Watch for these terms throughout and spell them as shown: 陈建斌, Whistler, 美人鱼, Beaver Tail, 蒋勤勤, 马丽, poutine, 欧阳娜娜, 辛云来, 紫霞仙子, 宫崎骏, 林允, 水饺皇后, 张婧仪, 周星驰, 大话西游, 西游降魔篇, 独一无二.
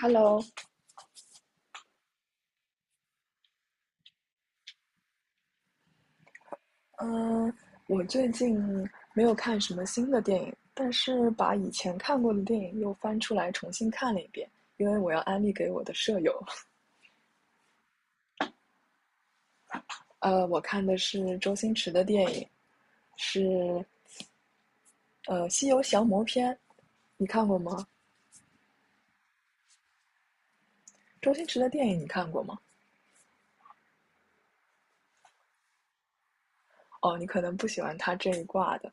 Hello，嗯，我最近没有看什么新的电影，但是把以前看过的电影又翻出来重新看了一遍，因为我要安利给我的舍友。我看的是周星驰的电影，是《西游降魔篇》，你看过吗？周星驰的电影你看过吗？哦，你可能不喜欢他这一挂的，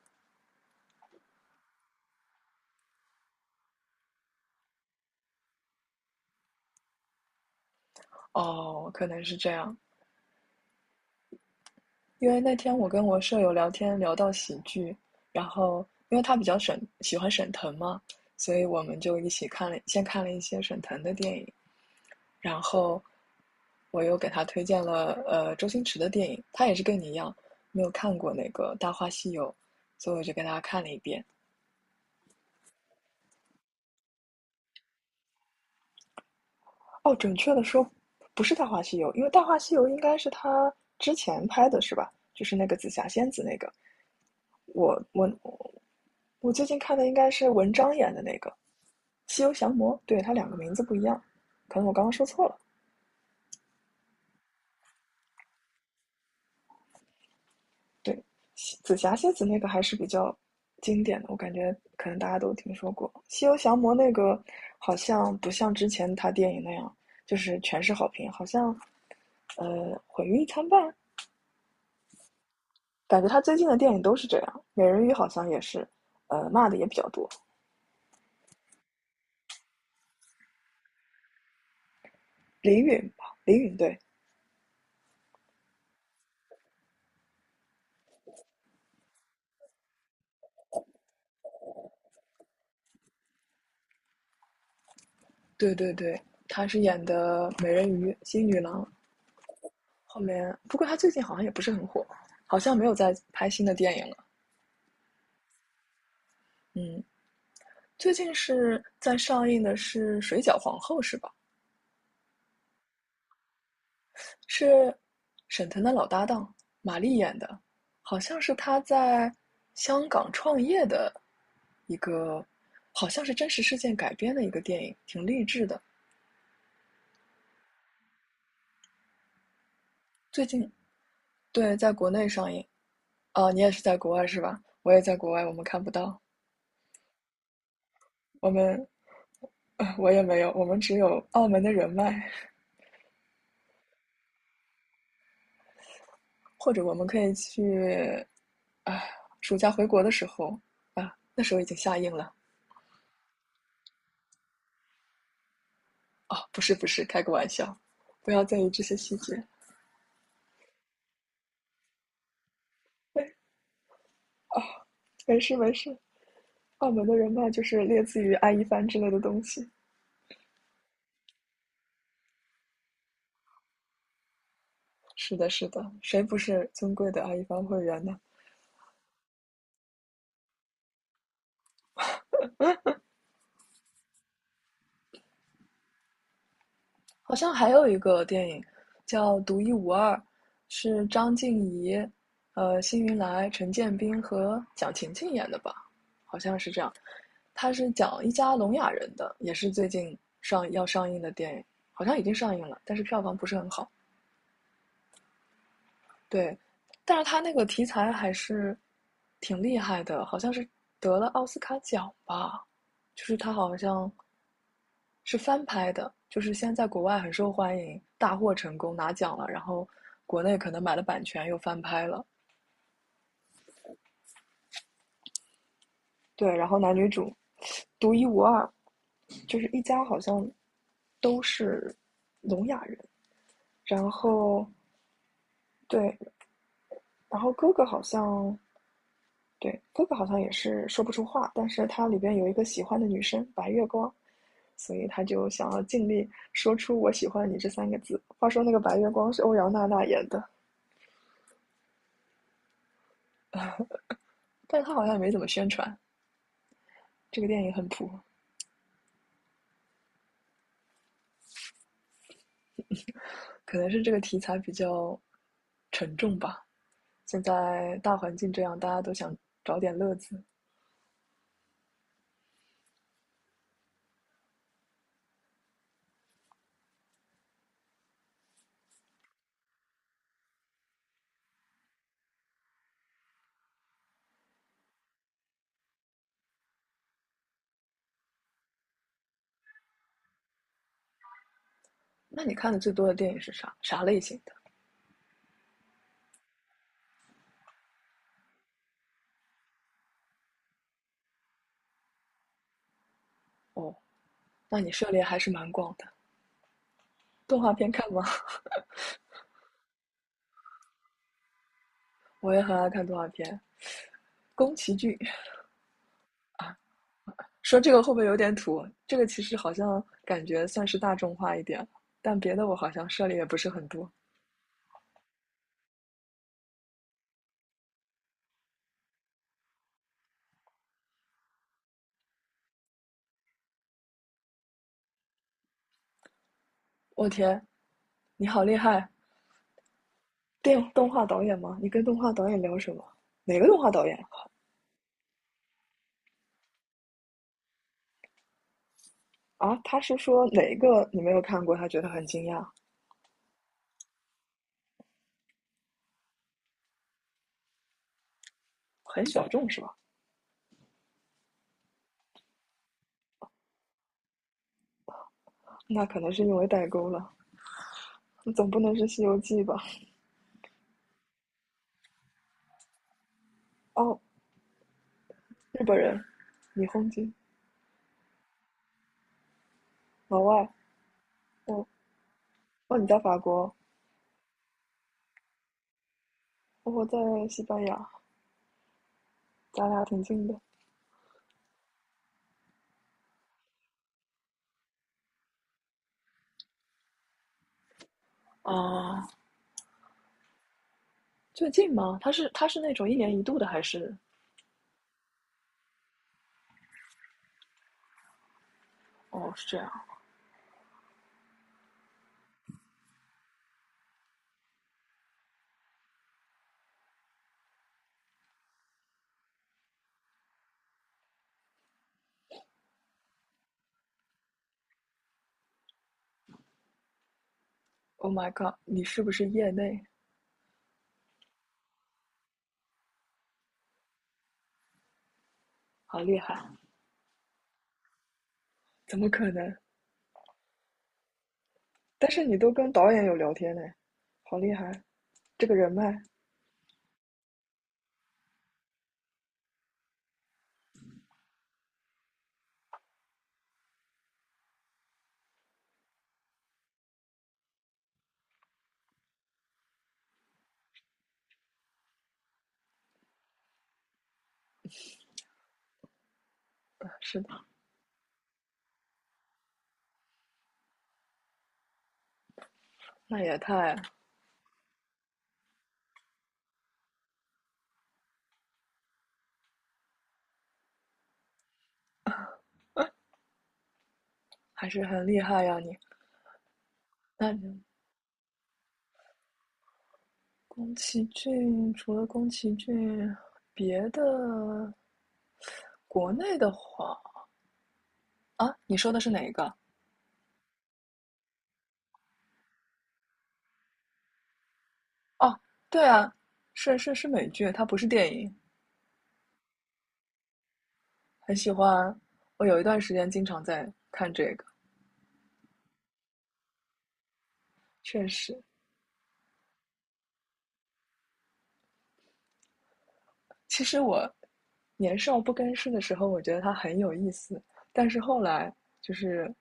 哦，可能是这样。因为那天我跟我舍友聊天聊到喜剧，然后因为他比较沈喜欢沈腾嘛，所以我们就一起看了，先看了一些沈腾的电影，然后我又给他推荐了周星驰的电影，他也是跟你一样没有看过那个《大话西游》，所以我就给他看了一遍。哦，准确的说不是《大话西游》，因为《大话西游》应该是他之前拍的是吧？就是那个紫霞仙子那个，我我我最近看的应该是文章演的那个。西游降魔，对，它两个名字不一样，可能我刚刚说错了。对，紫霞仙子那个还是比较经典的，我感觉可能大家都听说过。西游降魔那个好像不像之前他电影那样，就是全是好评，好像毁誉一参半，感觉他最近的电影都是这样。美人鱼好像也是，骂的也比较多。林允吧，林允对，对对对，他是演的美人鱼、新女郎，后面，不过他最近好像也不是很火，好像没有在拍新的电影了。嗯，最近是在上映的是《水饺皇后》是吧？是沈腾的老搭档马丽演的，好像是他在香港创业的一个，好像是真实事件改编的一个电影，挺励志的。最近对，在国内上映。啊，你也是在国外是吧？我也在国外，我们看不到，我们，我也没有，我们只有澳门的人脉。或者我们可以去啊，暑假回国的时候啊，那时候已经下映了哦，不是不是，开个玩笑，不要在意这些细节。没没事没事，澳门的人脉就是类似于阿一帆之类的东西。是的，是的，谁不是尊贵的阿一帆会员呢？好像还有一个电影叫《独一无二》，是张婧仪、辛云来、陈建斌和蒋勤勤演的吧？好像是这样。他是讲一家聋哑人的，也是最近要上映的电影，好像已经上映了，但是票房不是很好。对，但是他那个题材还是挺厉害的，好像是得了奥斯卡奖吧？就是他好像是翻拍的，就是先在国外很受欢迎，大获成功拿奖了，然后国内可能买了版权又翻拍了。对，然后男女主独一无二，就是一家好像都是聋哑人，然后对，然后哥哥好像也是说不出话，但是他里边有一个喜欢的女生白月光，所以他就想要尽力说出“我喜欢你”这三个字。话说那个白月光是欧阳娜娜演的，但是他好像也没怎么宣传。这个电影很普，可能是这个题材比较沉重吧。现在大环境这样，大家都想找点乐子。那你看的最多的电影是啥？啥类型的？哦，那你涉猎还是蛮广的。动画片看吗？我也很爱看动画片。宫崎骏，说这个会不会有点土？这个其实好像感觉算是大众化一点，但别的我好像涉猎也不是很多。我天，你好厉害！动画导演吗？你跟动画导演聊什么？哪个动画导演？啊，他是说哪个你没有看过，他觉得很惊讶，很小众是吧？那可能是因为代沟了。你总不能是《西游记》吧？哦，日本人，你轰击老外，哦哦，你在法国，哦我在西班牙，咱俩挺近的。啊，最近吗？他是那种一年一度的还是？哦，是这样。Oh my god，你是不是业内？好厉害！怎么可能？但是你都跟导演有聊天呢，好厉害！这个人脉，啊是的，那也太还是很厉害呀你。那你宫崎骏除了宫崎骏，别的国内的话啊，你说的是哪一个？哦，对啊，是美剧，它不是电影。很喜欢，我有一段时间经常在看这个，确实。其实我年少不更事的时候，我觉得它很有意思，但是后来就是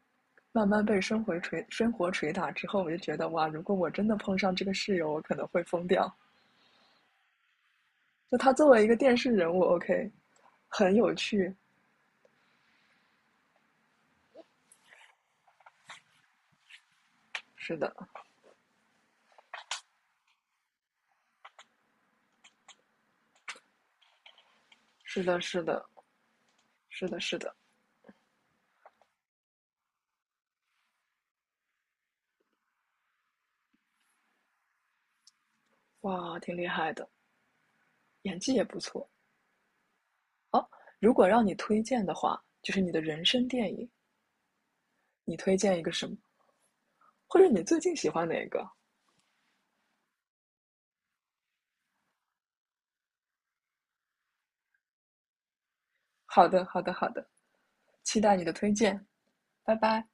慢慢被生活捶打之后，我就觉得哇，如果我真的碰上这个室友，我可能会疯掉。就他作为一个电视人物，OK，很有趣。是的，是的，是的，是的，是的，哇，挺厉害的，演技也不错。哦，如果让你推荐的话，就是你的人生电影，你推荐一个什么，或者你最近喜欢哪个？好的，好的，好的，期待你的推荐。拜拜。